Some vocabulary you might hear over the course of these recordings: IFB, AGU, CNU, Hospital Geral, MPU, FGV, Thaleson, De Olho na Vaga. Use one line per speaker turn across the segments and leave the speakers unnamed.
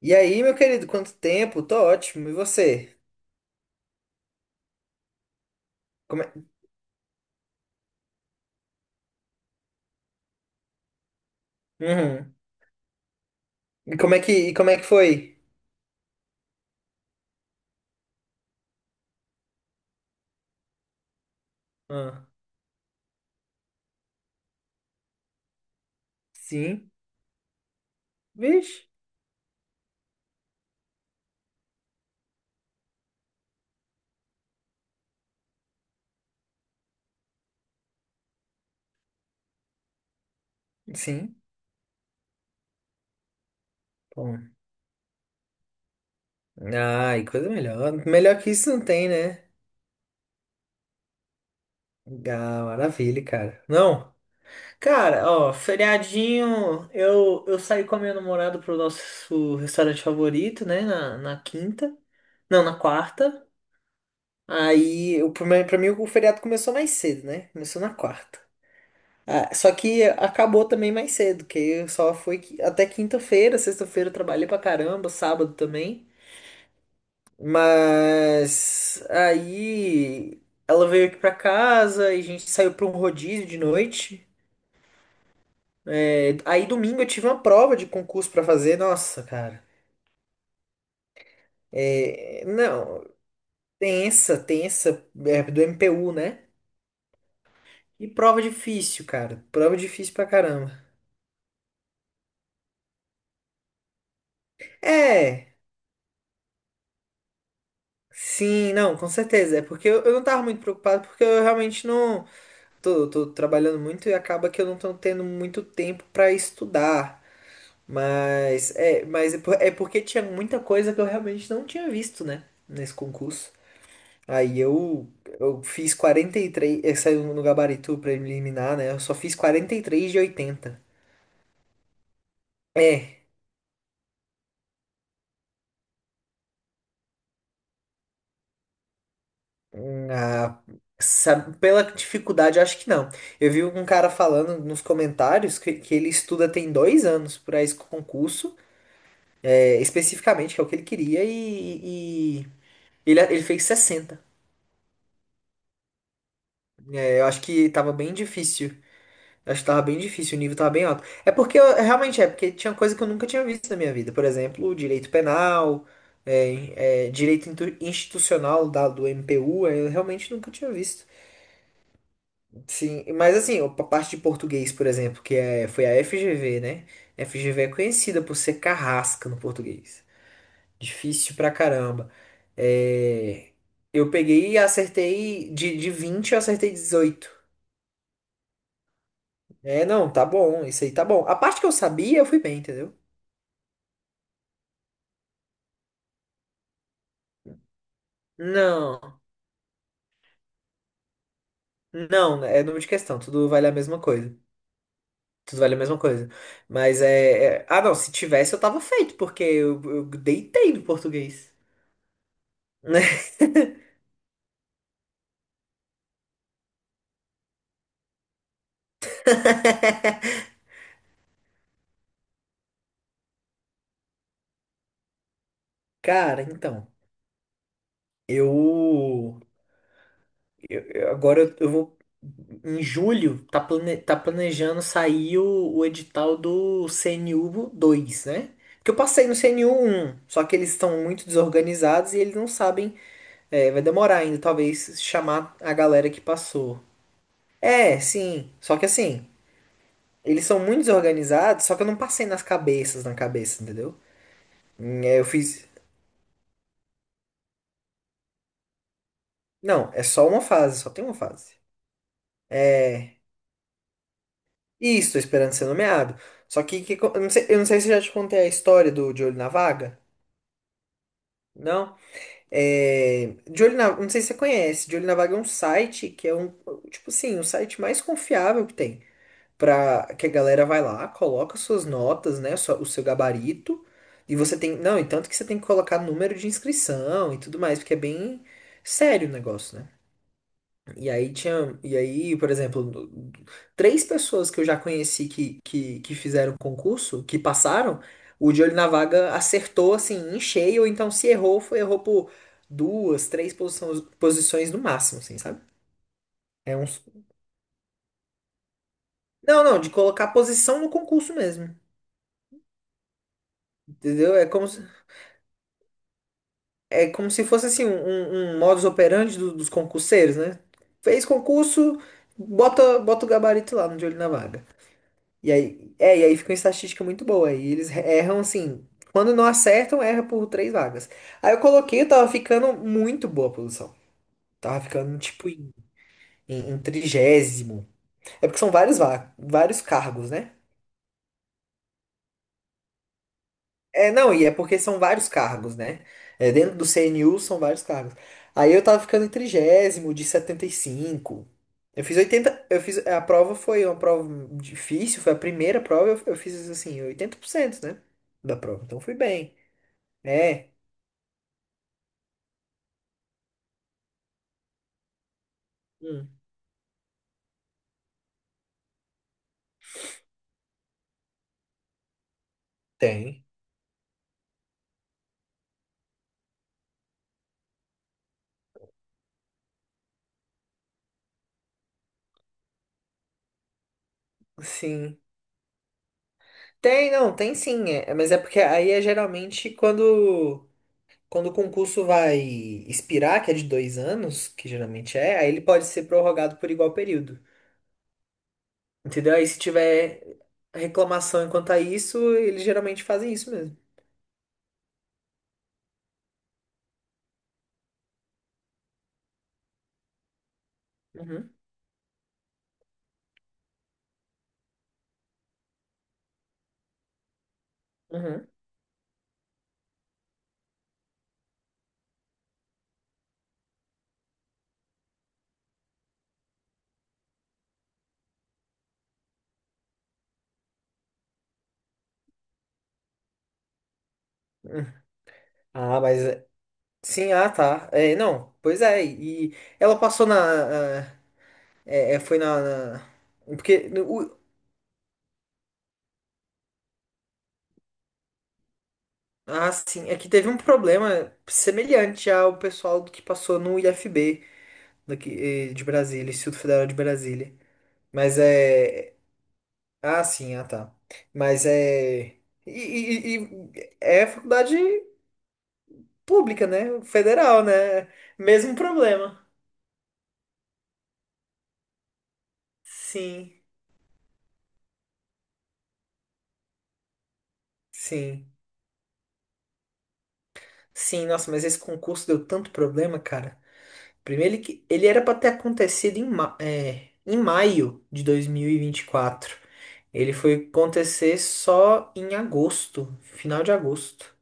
E aí, meu querido, quanto tempo? Tô ótimo. E você? Como é. Uhum. E como é que foi? Ah, sim. Vixe. Sim. Bom. Ah, e coisa melhor. Melhor que isso não tem, né? Ah, maravilha, cara. Não. Cara, ó, feriadinho, eu saí com a minha namorada pro nosso restaurante favorito, né? Na quinta. Não, na quarta. Aí, pra mim, o feriado começou mais cedo, né? Começou na quarta. Ah, só que acabou também mais cedo, que eu só foi até quinta-feira, sexta-feira eu trabalhei pra caramba, sábado também. Mas aí ela veio aqui pra casa e a gente saiu pra um rodízio de noite. É, aí domingo eu tive uma prova de concurso pra fazer. Nossa, cara. É, não, tensa, tensa, é, do MPU, né? E prova difícil, cara. Prova difícil pra caramba. É. Sim, não, com certeza. É porque eu não tava muito preocupado, porque eu realmente não. Tô trabalhando muito e acaba que eu não tô tendo muito tempo pra estudar. É porque tinha muita coisa que eu realmente não tinha visto, né? Nesse concurso. Aí eu fiz 43. Saiu no gabarito preliminar, né? Eu só fiz 43 de 80. É. Ah, pela dificuldade, eu acho que não. Eu vi um cara falando nos comentários que ele estuda tem 2 anos para esse concurso, é, especificamente, que é o que ele queria, e ele fez 60. É, eu acho que tava bem difícil. Eu acho que tava bem difícil, o nível tava bem alto. É porque, realmente, é porque tinha coisa que eu nunca tinha visto na minha vida. Por exemplo, direito penal, direito institucional do MPU, eu realmente nunca tinha visto. Sim, mas assim, a parte de português, por exemplo, que é, foi a FGV, né? FGV é conhecida por ser carrasca no português. Difícil pra caramba. É, eu peguei e acertei de 20 eu acertei 18. É, não, tá bom, isso aí tá bom. A parte que eu sabia, eu fui bem, entendeu? Não, não, é número de questão, tudo vale a mesma coisa. Tudo vale a mesma coisa. Mas é. Ah, não, se tivesse eu tava feito, porque eu deitei no português. Cara, então. Eu, agora eu vou em julho, tá, tá planejando sair o edital do CNU dois, né? Porque eu passei no CNU um, só que eles estão muito desorganizados e eles não sabem, vai demorar ainda, talvez chamar a galera que passou. É, sim, só que assim, eles são muito desorganizados, só que eu não passei nas cabeças, na cabeça, entendeu? Eu fiz, não, é só uma fase, só tem uma fase. É, isso, tô esperando ser nomeado. Só que eu não sei se eu já te contei a história do De Olho na Vaga. Não? É, não sei se você conhece. De Olho na Vaga é um site que é um, tipo assim, o site mais confiável que tem. Pra que a galera vai lá, coloca suas notas, né? O seu gabarito. E você tem. Não, e tanto que você tem que colocar número de inscrição e tudo mais, porque é bem sério o negócio, né? E aí, por exemplo, três pessoas que eu já conheci que fizeram concurso, que passaram, o de olho na vaga acertou assim em cheio, ou então se errou, foi errou por duas, três posições, posições no máximo, assim, sabe? É um. Não, não, de colocar posição no concurso mesmo. Entendeu? É como se fosse assim um, um modus operandi dos concurseiros, né? Fez concurso, bota o gabarito lá no de olho na vaga. E aí fica uma estatística muito boa. E eles erram assim. Quando não acertam, erra por três vagas. Aí eu coloquei, eu tava ficando muito boa a posição. Tava ficando tipo em, em 30º. É porque são vários cargos, né? É, não, e é porque são vários cargos, né? É, dentro do CNU são vários cargos. Aí eu tava ficando em 30º, de 75. Eu fiz 80, a prova foi uma prova difícil, foi a primeira prova, eu fiz assim, 80%, né? Da prova, então fui bem. É. Hum. Tem. Sim. Tem, não, tem sim. É, mas é porque aí é geralmente quando o concurso vai expirar, que é de 2 anos, que geralmente é, aí ele pode ser prorrogado por igual período. Entendeu? Aí se tiver reclamação enquanto a isso, eles geralmente fazem isso mesmo. Uhum, uhum, uhum. Ah, mas. Sim, ah, tá. É, não, pois é. E ela passou na. Ah, é, foi na. na- Porque. Ah, sim. É que teve um problema semelhante ao pessoal do que passou no IFB daqui, de Brasília, Instituto Federal de Brasília. Mas é. Ah, sim, ah, tá. Mas é. E é faculdade pública, né? Federal, né? Mesmo problema. Sim, sim. Sim, nossa, mas esse concurso deu tanto problema, cara. Primeiro, ele era para ter acontecido em maio de 2024. Ele foi acontecer só em agosto, final de agosto.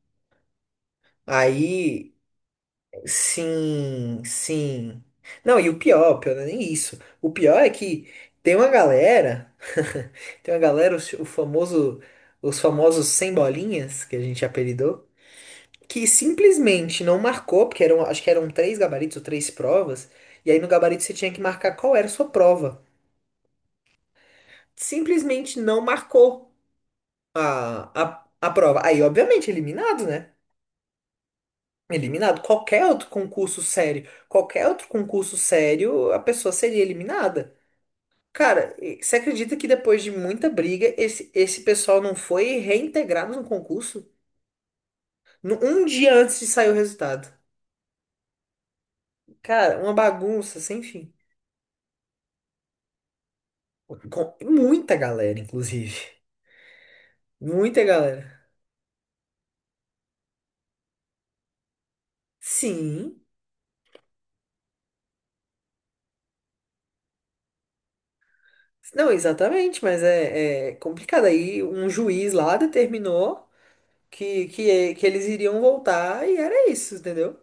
Aí, sim, sim. Não, e o pior não é nem isso. O pior é que tem uma galera, tem uma galera, o famoso, os famosos sem bolinhas, que a gente apelidou, que simplesmente não marcou, porque acho que eram três gabaritos ou três provas, e aí no gabarito você tinha que marcar qual era a sua prova. Simplesmente não marcou a prova. Aí, obviamente, eliminado, né? Eliminado. Qualquer outro concurso sério, qualquer outro concurso sério, a pessoa seria eliminada. Cara, e você acredita que depois de muita briga, esse pessoal não foi reintegrado no concurso? Um dia antes de sair o resultado. Cara, uma bagunça sem fim. Com muita galera, inclusive. Muita galera. Sim. Não, exatamente, mas é complicado. Aí um juiz lá determinou que eles iriam voltar e era isso, entendeu?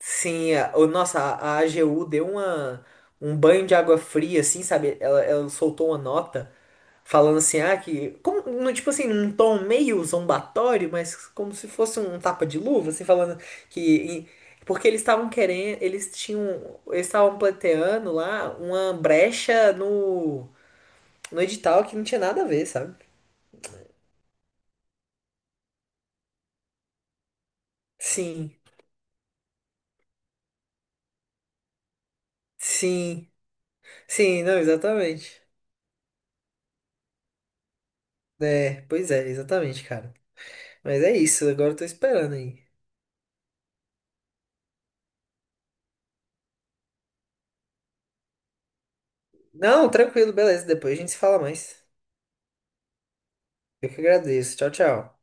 Sim, nossa, a AGU deu uma, um banho de água fria, assim, sabe? Ela soltou uma nota. Falando assim, ah, que. Como, no, tipo assim, num tom meio zombatório, mas como se fosse um tapa de luva, assim, falando que. e- Porque eles estavam querendo. Eles tinham. Eles estavam pleiteando lá uma brecha no edital que não tinha nada a ver, sabe? Sim, sim, sim, não, exatamente. É, pois é, exatamente, cara. Mas é isso, agora eu tô esperando aí. Não, tranquilo, beleza, depois a gente se fala mais. Eu que agradeço. Tchau, tchau.